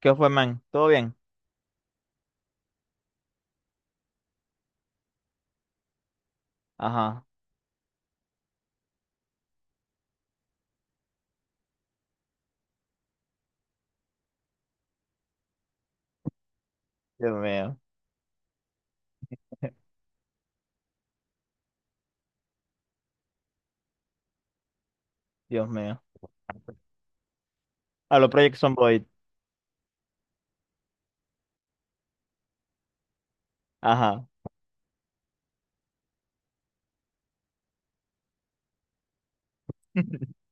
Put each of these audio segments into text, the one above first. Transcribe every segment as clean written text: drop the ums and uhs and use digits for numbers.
¿Qué fue, man? ¿Todo bien? Ajá. Dios mío. Dios mío. A los Project Zomboid. Ajá.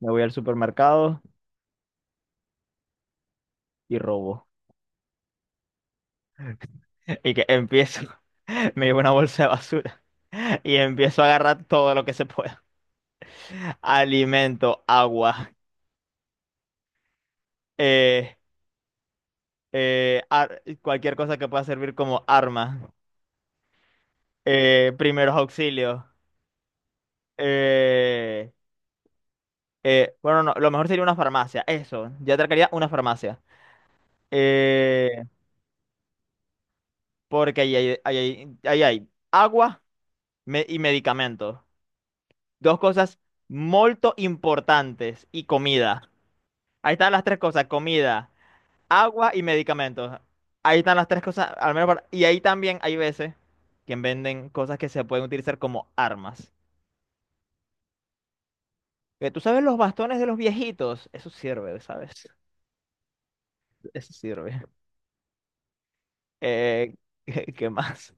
Me voy al supermercado y robo. Y que empiezo. Me llevo una bolsa de basura y empiezo a agarrar todo lo que se pueda. Alimento, agua, eh, cualquier cosa que pueda servir como arma, primeros auxilios. eh, bueno, no, lo mejor sería una farmacia, eso. Ya atracaría una farmacia. Eh, Porque ahí hay agua y medicamentos. Dos cosas muy importantes y comida. Ahí están las tres cosas, comida, agua y medicamentos. Ahí están las tres cosas, al menos para... Y ahí también hay veces que venden cosas que se pueden utilizar como armas. ¿Tú sabes los bastones de los viejitos? Eso sirve, ¿sabes? Eso sirve. Eh, qué más?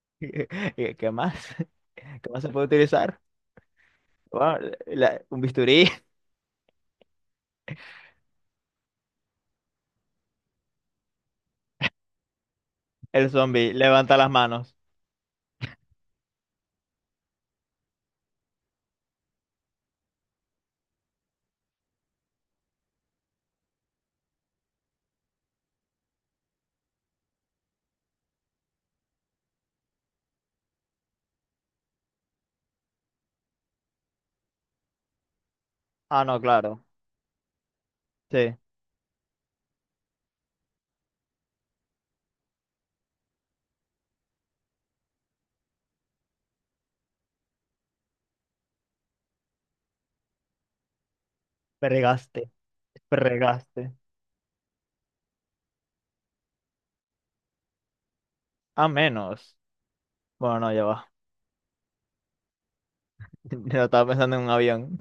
¿Qué más? ¿Qué más se puede utilizar? Bueno, un bisturí. El zombie levanta las manos. Ah, no, claro. Sí. Fregaste. Fregaste. A menos. Bueno, no, ya va. Yo estaba pensando en un avión.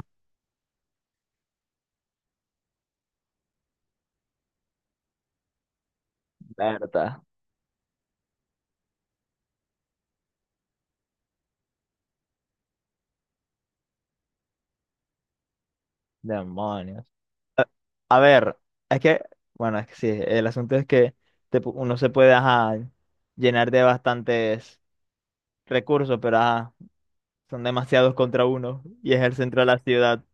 Berta. Demonios. A ver, es que, bueno, es que sí. El asunto es que uno se puede, ajá, llenar de bastantes recursos, pero ajá, son demasiados contra uno. Y es el centro de la ciudad.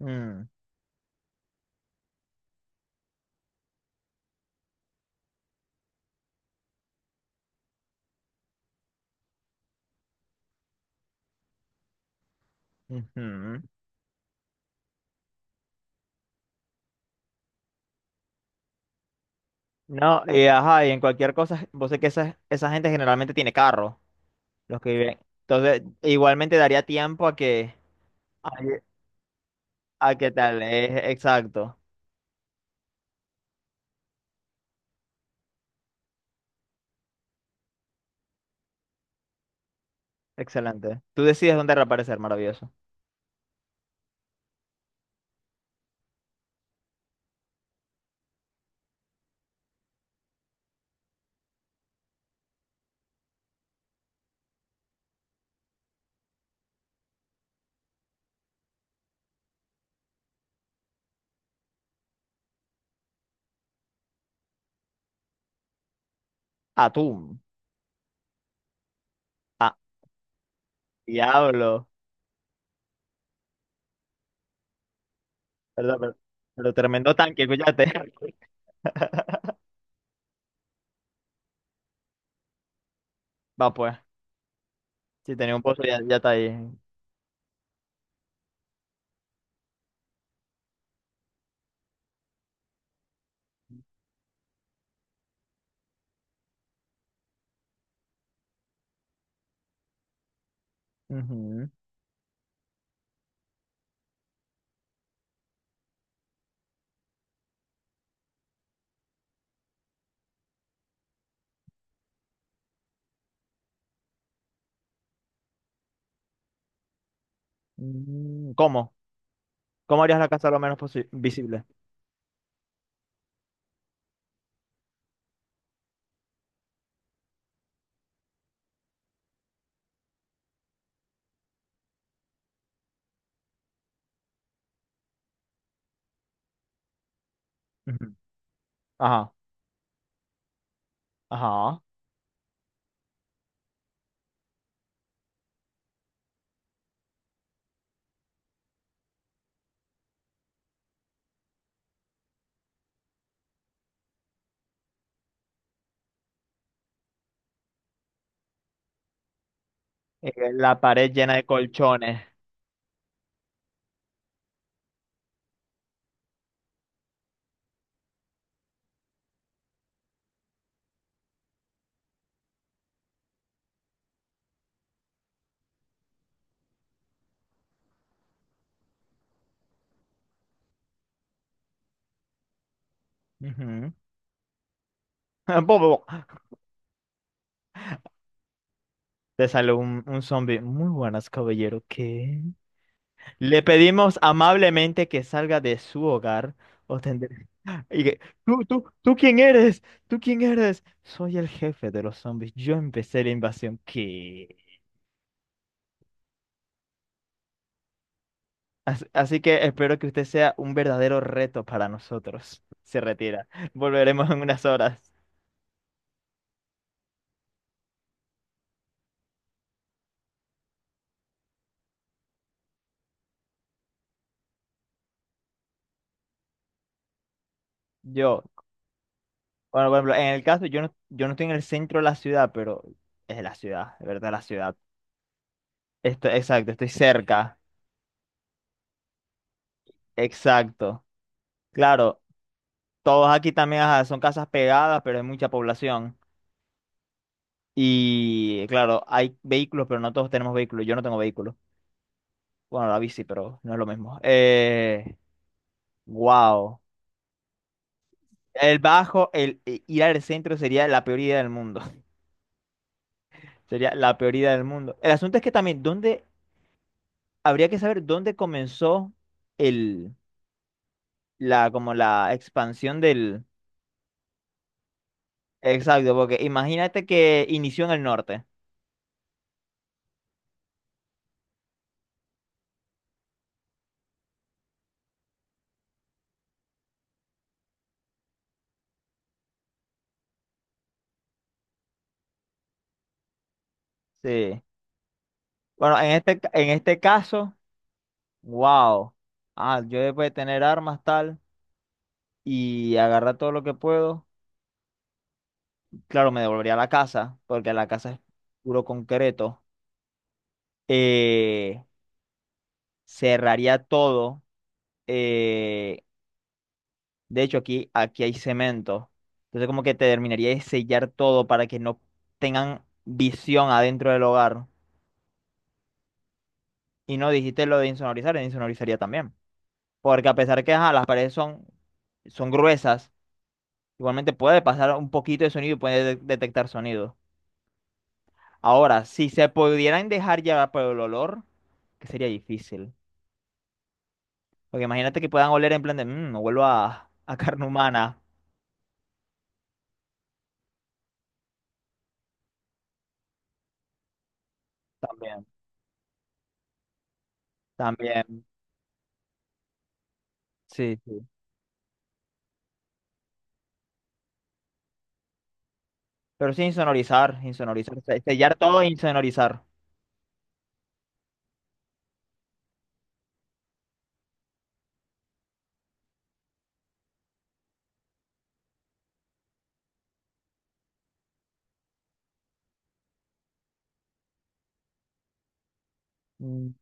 Mm, ujú. No, y ajá, y en cualquier cosa, vos sé que esa gente generalmente tiene carro. Los que viven. Entonces, igualmente daría tiempo a que, a, a que tal, es exacto. Excelente. Tú decides dónde reaparecer, maravilloso. Atún. Ah, diablo. Perdón, pero, pero tremendo tanque, escúchate. Va pues, si tenía un pozo ya, ya está ahí. Ujú. Mm, ¿cómo? ¿Cómo harías la casa lo menos visible? Ujú. Ajá, ajá. La pared llena de colchones. Ujú. Bo, te sale un zombie. Muy buenas, caballero. ¿Qué? Le pedimos amablemente que salga de su hogar o tendré... Y que, tú quién eres? ¿Tú quién eres? Soy el jefe de los zombies. Yo empecé la invasión. ¿Qué? Así que espero que usted sea un verdadero reto para nosotros. Se retira. Volveremos en unas horas. Yo, bueno, por ejemplo, en el caso, yo no estoy en el centro de la ciudad, pero es la ciudad, de verdad, la ciudad. Esto, exacto, estoy cerca. Exacto. Claro, todos aquí también ajá, son casas pegadas, pero hay mucha población. Y claro, hay vehículos, pero no todos tenemos vehículos. Yo no tengo vehículo. Bueno, la bici, pero no es lo mismo. Wow. El bajo, el ir al centro sería la peor idea del mundo. Sería la peor idea del mundo. El asunto es que también, ¿dónde, habría que saber dónde comenzó el, como la expansión del... Exacto, porque imagínate que inició en el norte. Sí. Bueno, en en este caso... Wow. Ah, yo después de tener armas tal y agarrar todo lo que puedo, claro, me devolvería a la casa, porque la casa es puro concreto. Eh, cerraría todo. eh, de hecho, aquí hay cemento. Entonces, como que te terminaría de sellar todo para que no tengan visión adentro del hogar. Y no dijiste lo de insonorizar, insonorizaría también. Porque a pesar que ajá, las paredes son, son gruesas. Igualmente puede pasar un poquito de sonido y puede detectar sonido. Ahora, si se pudieran dejar llevar por el olor, que sería difícil. Porque imagínate que puedan oler en plan de, mmm, vuelvo a carne humana. También, también. Sí, sí. Pero sí insonorizar, insonorizar. Sellar todo e insonorizar. Mm,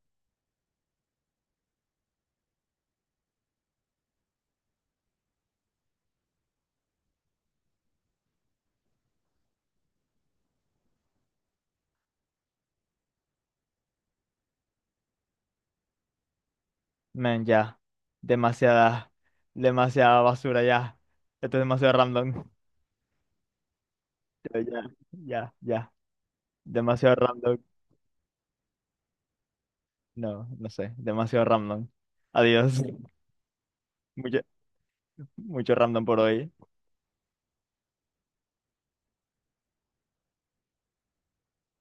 men, ya. Demasiada, demasiada basura ya. Esto es demasiado random. Ya, ya, ya, ya. Demasiado random. No, no sé. Demasiado random. Adiós. Mucho, mucho random por hoy.